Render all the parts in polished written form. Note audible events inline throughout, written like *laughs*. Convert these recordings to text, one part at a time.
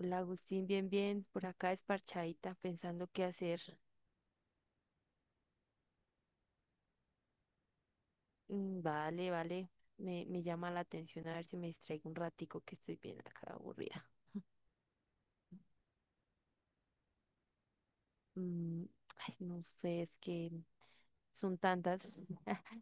Hola Agustín, bien, bien, por acá esparchadita, pensando qué hacer. Mm. Vale, vale, me llama la atención a ver si me distraigo un ratico que estoy bien acá aburrida. Mm, Ay, no sé, es que son tantas. *laughs*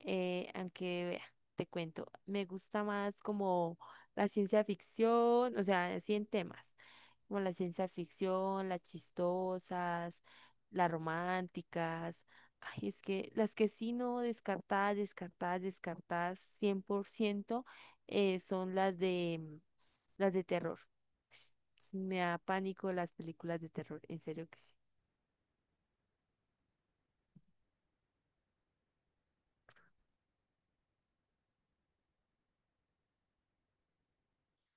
Aunque vea, te cuento, me gusta más como la ciencia ficción, o sea, así en temas, como la ciencia ficción, las chistosas, las románticas. Ay, es que las que sí no, descartadas, descartadas, descartadas 100% son las de las de terror. Me da pánico las películas de terror, en serio que sí.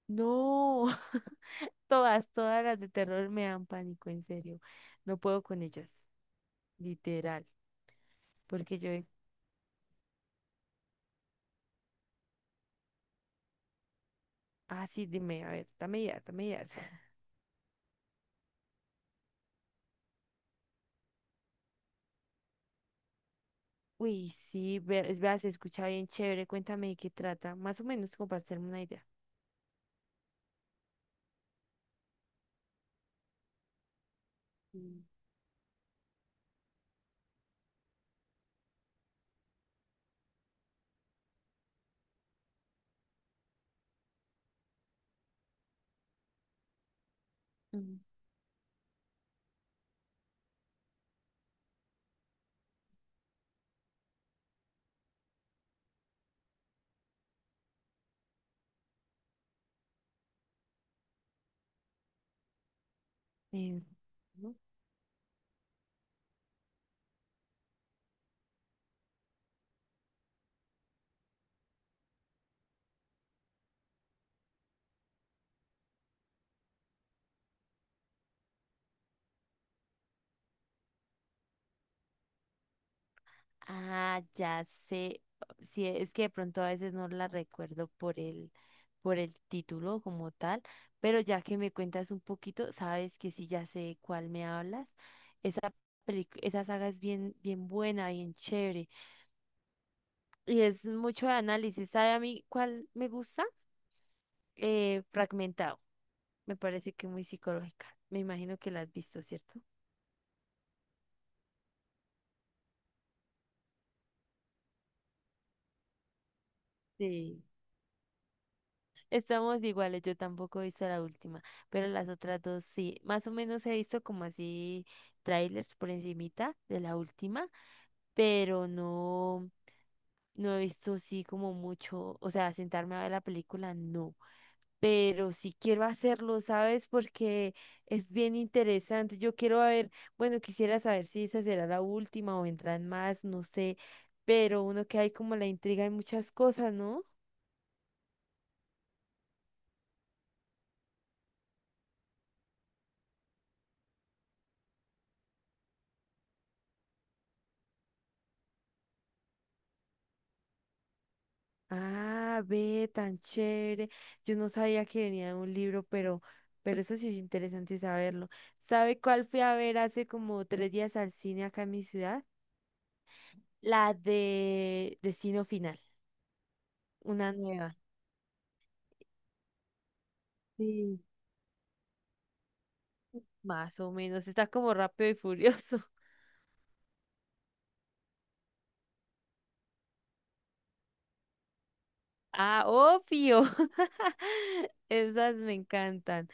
No. *laughs* Todas, todas las de terror me dan pánico, en serio. No puedo con ellas, literal. Porque yo, ah, sí, dime, a ver, dame ideas, dame ideas. *laughs* Uy, sí, ver, es verdad, se escucha bien chévere. Cuéntame de qué trata, más o menos como para hacerme una idea. Mm. Mm. Eh, No. Ah, ya sé. Sí, es que de pronto a veces no la recuerdo por el título como tal, pero ya que me cuentas un poquito, sabes que sí, ya sé de cuál me hablas. Esa esa saga es bien, bien buena, bien chévere. Y es mucho de análisis. ¿Sabe a mí cuál me gusta? Fragmentado. Me parece que muy psicológica. Me imagino que la has visto, ¿cierto? Sí. Estamos iguales, yo tampoco he visto la última, pero las otras dos sí. Más o menos he visto como así trailers por encimita de la última, pero no, no he visto así como mucho, o sea, sentarme a ver la película, no. Pero sí quiero hacerlo, ¿sabes? Porque es bien interesante. Yo quiero ver, bueno, quisiera saber si esa será la última o vendrán más, no sé, pero uno que hay como la intriga en muchas cosas, ¿no? Ah, ve, tan chévere. Yo no sabía que venía de un libro, pero eso sí es interesante saberlo. ¿Sabe cuál fui a ver hace como 3 días al cine acá en mi ciudad? La de Destino Final, una nueva. Sí. Más o menos, está como Rápido y Furioso. Ah, obvio. *laughs* Esas me encantan.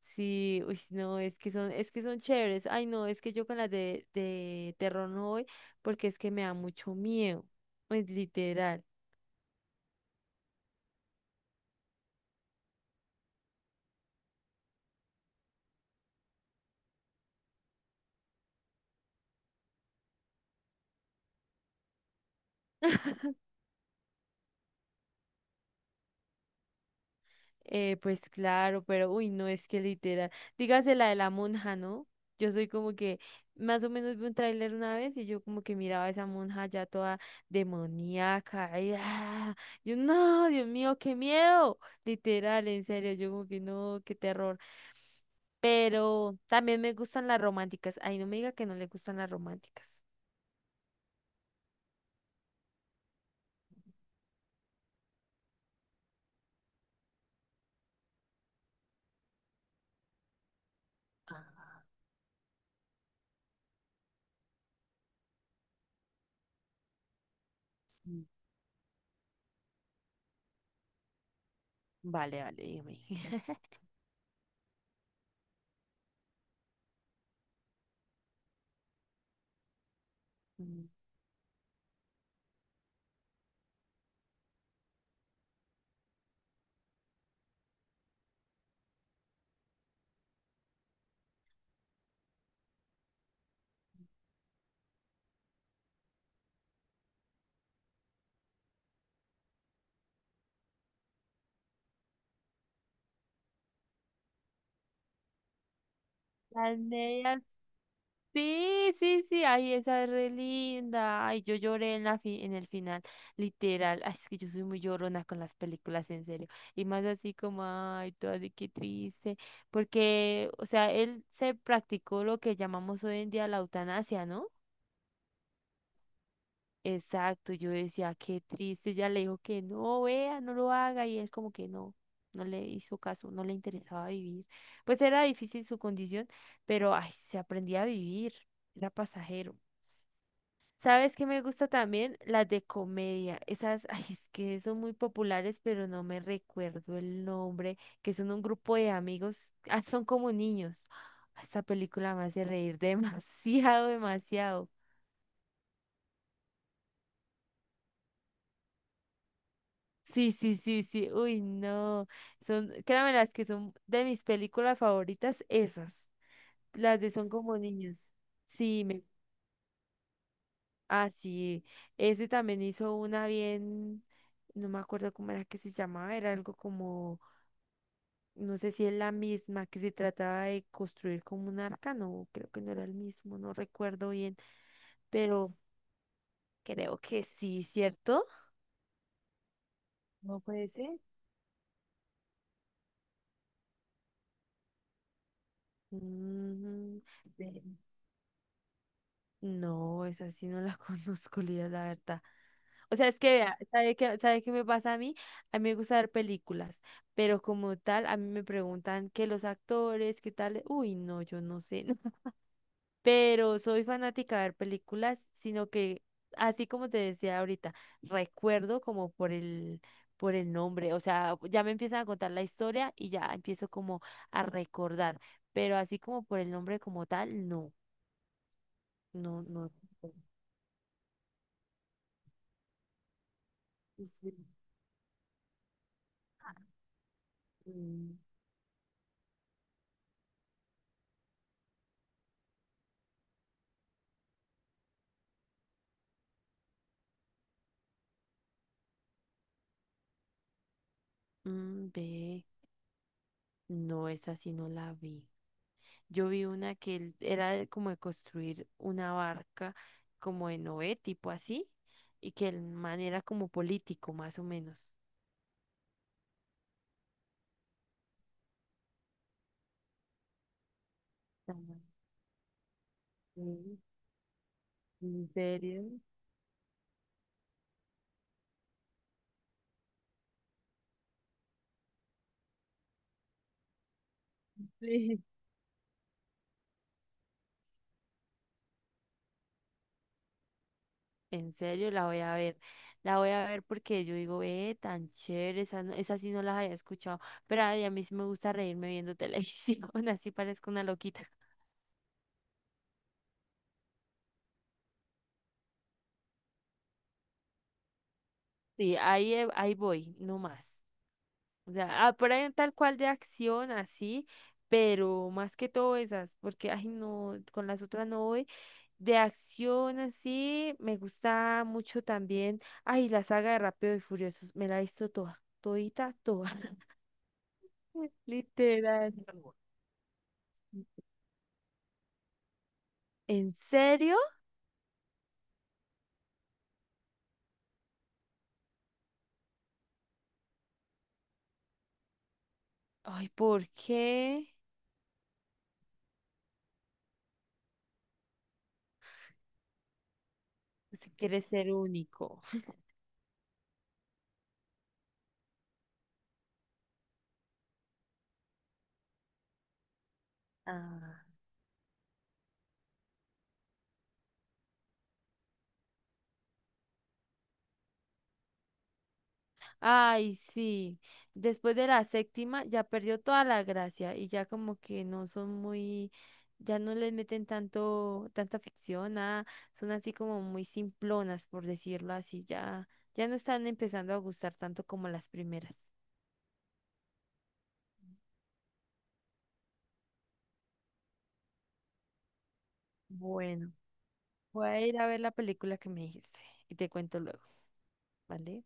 Sí, uy, no, es que son chéveres. Ay, no, es que yo con las de terror no voy porque es que me da mucho miedo. Pues literal. Pues claro, pero uy, no, es que literal. Dígase la de la monja, ¿no? Yo soy como que más o menos vi un tráiler una vez y yo como que miraba a esa monja ya toda demoníaca. Y, ah, yo, no, Dios mío, qué miedo. Literal, en serio, yo como que no, qué terror. Pero también me gustan las románticas. Ay, no me diga que no le gustan las románticas. Ah, mm, vale, vale, dígame. *laughs* Mm. Las medias. *laughs* Sí, sí, sí, ay, esa es re linda. Ay, yo lloré en la en el final, literal. Ay, es que yo soy muy llorona con las películas, en serio. Y más así como, ay, toda de qué triste. Porque, o sea, él se practicó lo que llamamos hoy en día la eutanasia, ¿no? Exacto, yo decía, qué triste. Ya le dijo que no, vea, no lo haga. Y él como que no, no le hizo caso, no le interesaba vivir. Pues era difícil su condición, pero, ay, se aprendía a vivir, era pasajero. ¿Sabes qué me gusta también? Las de comedia. Esas, ay, es que son muy populares, pero no me recuerdo el nombre, que son un grupo de amigos, ah, son como niños. Ah, esta película me hace reír *laughs* demasiado, demasiado. Sí, sí, sí, sí. Uy, no. Son, créanme, las que son de mis películas favoritas, esas. Las de son como niños. Sí, ah, sí. Ese también hizo una bien, no me acuerdo cómo era que se llamaba, era algo como. No sé si es la misma que se trataba de construir como un arca, no, creo que no era el mismo, no recuerdo bien, pero creo que sí, ¿cierto? No puede ser. Mm. Ve- no, esa sí no la *laughs* conozco, Lía, la verdad. O sea, es que, vea, ¿sabe qué me pasa a mí. A mí me gusta ver películas, pero como tal, a mí me preguntan que los actores, qué tal. Uy, no, yo no sé. *laughs* Pero soy fanática de ver películas, sino que, así como te decía ahorita, recuerdo como por el, nombre, o sea, ya me empiezan a contar la historia y ya empiezo como a recordar, pero así como por el nombre como tal, no, no, no. Sí. Mm, mm, ve, no, esa sí no la vi. Yo vi una que era de como de construir una barca como de Noé, tipo así, y que el man era como político, más o menos. Ah, sí, ¿en serio? *laughs* Sí. En serio, la voy a ver. La voy a ver porque yo digo, tan chévere, esa, esa sí no las había escuchado. Pero ay, a mí sí me gusta reírme viendo televisión, *laughs* así parezco una loquita. Sí, ahí, ahí voy, no más. O sea, ah, por ahí tal cual de acción, así, pero más que todo esas, porque, ay, no, con las otras no voy. De acción, así, me gusta mucho también, ay, la saga de Rápido y Furiosos, me la he visto toda, todita, toda, *laughs* literal. ¿En serio? Ay, ¿por qué? Pues, si quieres ser único. *laughs* Ah. Ay, sí. Después de la séptima ya perdió toda la gracia y ya como que no son muy, ya no les meten tanto, tanta ficción, nada, son así como muy simplonas, por decirlo así, ya, ya no están empezando a gustar tanto como las primeras. Bueno, voy a ir a ver la película que me dijiste y te cuento luego, ¿vale?